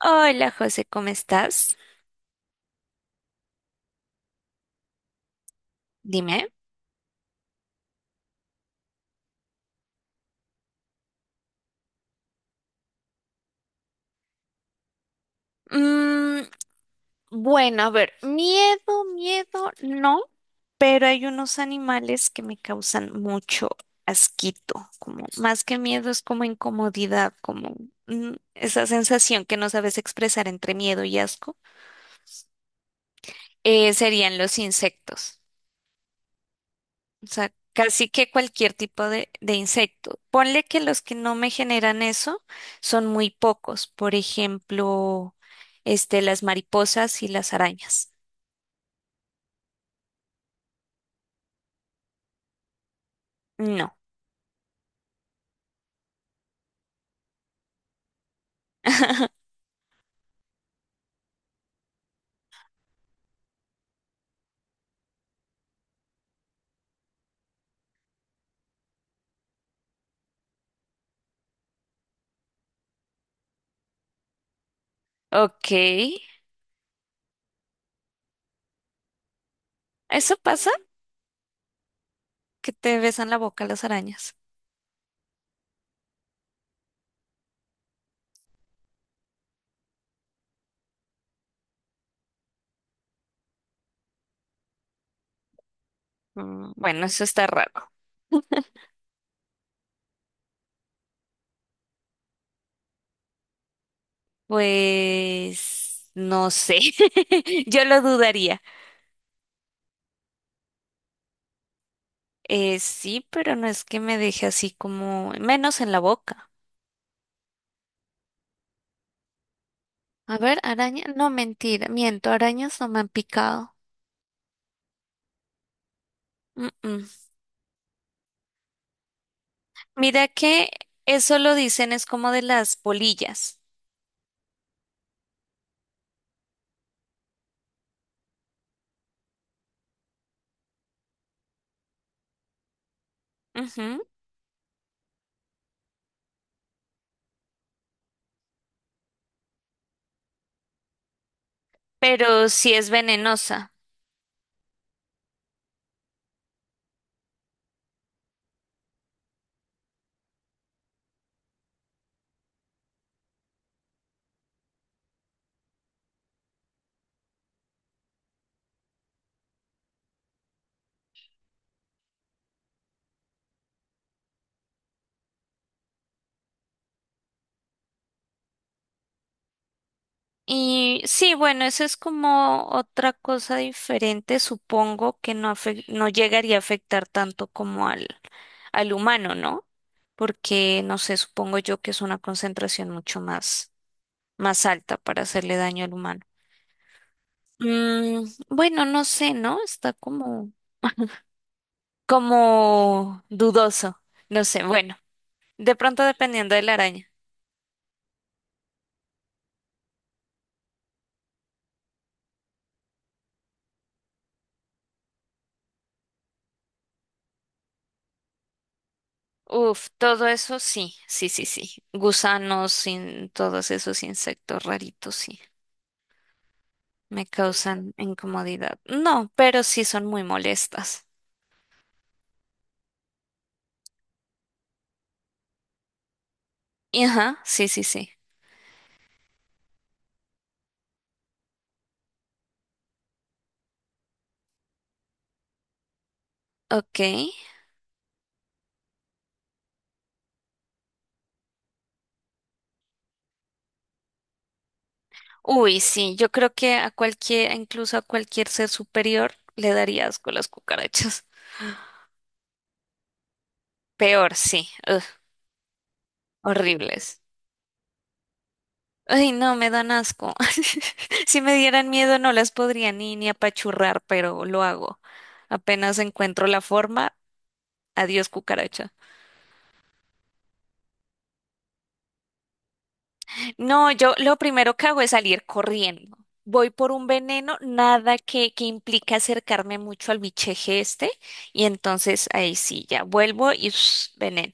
Hola José, ¿cómo estás? Dime. Mm, bueno, a ver, miedo, miedo, no, pero hay unos animales que me causan mucho asquito, como más que miedo es como incomodidad, como esa sensación que no sabes expresar entre miedo y asco, serían los insectos. O sea, casi que cualquier tipo de insecto. Ponle que los que no me generan eso son muy pocos. Por ejemplo, las mariposas y las arañas. No. Ok. ¿Eso pasa? ¿Que te besan la boca las arañas? Mm. Bueno, eso está raro. Pues no sé. Yo lo dudaría. Sí, pero no es que me deje así como menos en la boca. A ver, araña, no mentira, miento, arañas no me han picado. Mm, mm. Mira que eso lo dicen es como de las polillas. Ujú. Pero sí es venenosa. Y sí, bueno, eso es como otra cosa diferente, supongo que no, no llegaría a afectar tanto como al, al humano, ¿no? Porque, no sé, supongo yo que es una concentración mucho más, más alta para hacerle daño al humano. Bueno, no sé, ¿no? Está como como dudoso, no sé, bueno, de pronto dependiendo de la araña. Uf, todo eso sí, sí, sí, sí. Gusanos, sin todos esos insectos raritos, sí, me causan incomodidad. No, pero sí son muy molestas. Y ajá, sí, sí, sí. Ok. Uy, sí, yo creo que a cualquier, incluso a cualquier ser superior, le daría asco las cucarachas. Peor, sí. Ugh, horribles. Ay, no, me dan asco. Si me dieran miedo no las podría ni, ni apachurrar, pero lo hago. Apenas encuentro la forma, adiós cucaracha. No, yo lo primero que hago es salir corriendo. Voy por un veneno, nada que, que implica acercarme mucho al bicheje este, y entonces ahí sí, ya vuelvo y veneno.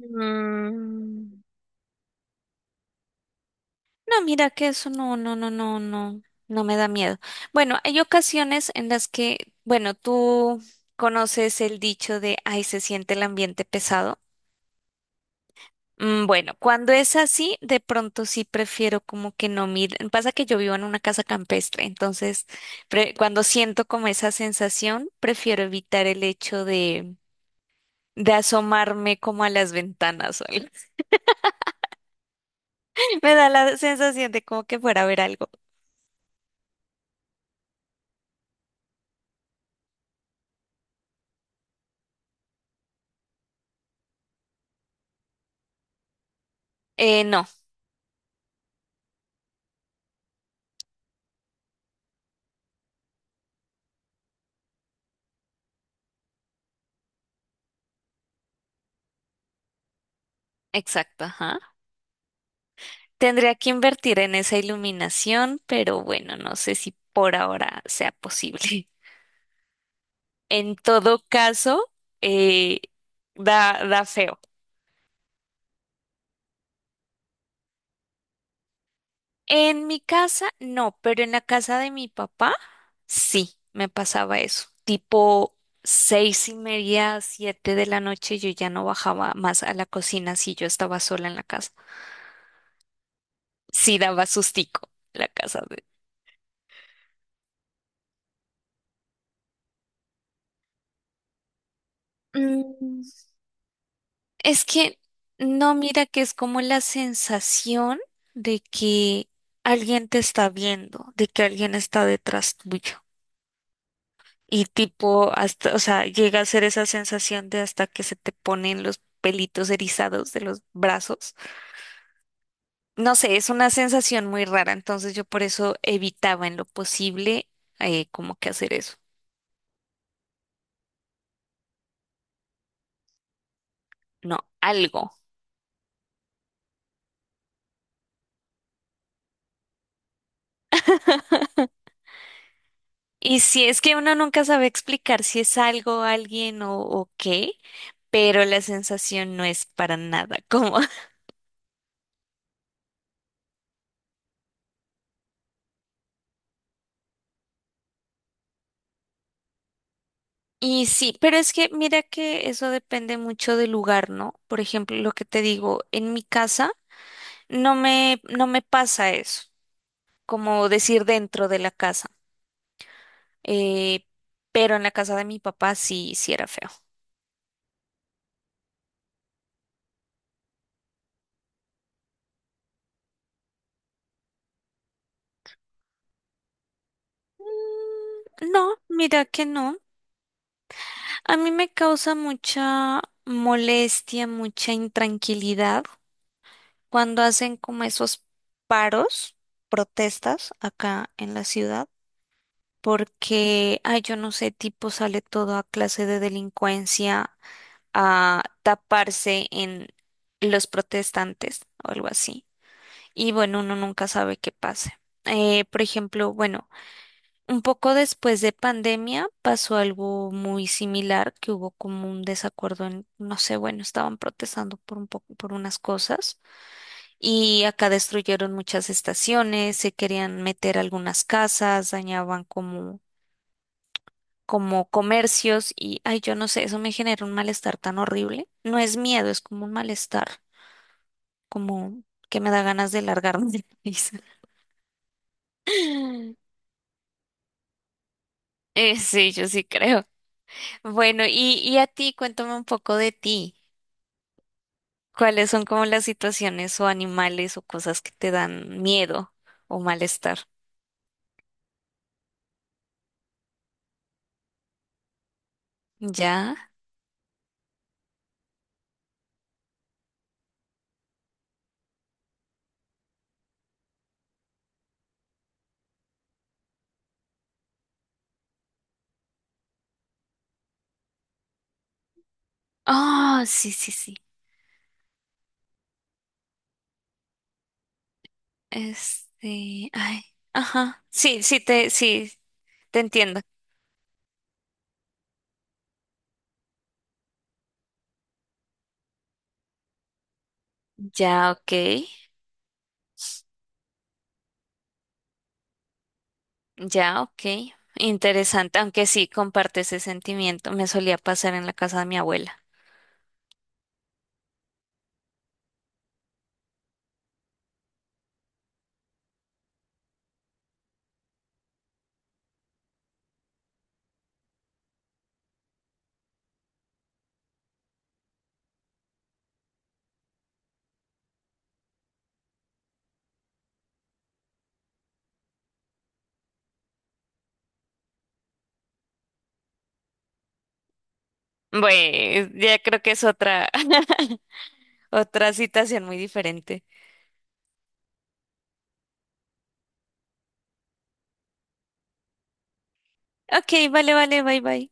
Mm. No, mira que eso no, no, no, no, no, no me da miedo. Bueno, hay ocasiones en las que, bueno, tú conoces el dicho de, ay, se siente el ambiente pesado. Bueno, cuando es así, de pronto sí prefiero como que no mir. Pasa que yo vivo en una casa campestre, entonces cuando siento como esa sensación, prefiero evitar el hecho de asomarme como a las ventanas o algo. Me da la sensación de como que fuera a ver algo. No, exacto, ajá. Tendría que invertir en esa iluminación, pero bueno, no sé si por ahora sea posible. En todo caso, eh, da, da feo. En mi casa, no, pero en la casa de mi papá, sí, me pasaba eso. Tipo 6:30, 7 de la noche, yo ya no bajaba más a la cocina si yo estaba sola en la casa. Sí daba sustico la casa de... Mm. Es que no mira que es como la sensación de que alguien te está viendo, de que alguien está detrás tuyo. Y tipo, hasta, o sea, llega a ser esa sensación de hasta que se te ponen los pelitos erizados de los brazos. No sé, es una sensación muy rara, entonces yo por eso evitaba en lo posible como que hacer eso. No, algo. Y si es que uno nunca sabe explicar si es algo, alguien o qué, pero la sensación no es para nada cómoda. Y sí, pero es que mira que eso depende mucho del lugar, ¿no? Por ejemplo, lo que te digo, en mi casa no me, no me pasa eso, como decir dentro de la casa, eh, pero en la casa de mi papá sí, sí era feo. No, mira que no. A mí me causa mucha molestia, mucha intranquilidad cuando hacen como esos paros, protestas acá en la ciudad, porque, ay, yo no sé, tipo sale toda clase de delincuencia a taparse en los protestantes o algo así. Y bueno, uno nunca sabe qué pase. Por ejemplo, bueno, un poco después de pandemia pasó algo muy similar, que hubo como un desacuerdo en, no sé, bueno, estaban protestando por un poco, por unas cosas. Y acá destruyeron muchas estaciones, se querían meter algunas casas, dañaban como, como comercios y, ay, yo no sé, eso me genera un malestar tan horrible. No es miedo, es como un malestar, como que me da ganas de largarme de la risa. Sí, yo sí creo. Bueno, y a ti, cuéntame un poco de ti. ¿Cuáles son como las situaciones o animales o cosas que te dan miedo o malestar? ¿Ya? Oh, sí, sí, sí. Ay, ajá, sí, sí, te entiendo. Ya, ok, ya, ok. Interesante, aunque sí comparte ese sentimiento. Me solía pasar en la casa de mi abuela. Bueno, ya creo que es otra, otra situación muy diferente. Ok, vale, vale, bye, bye.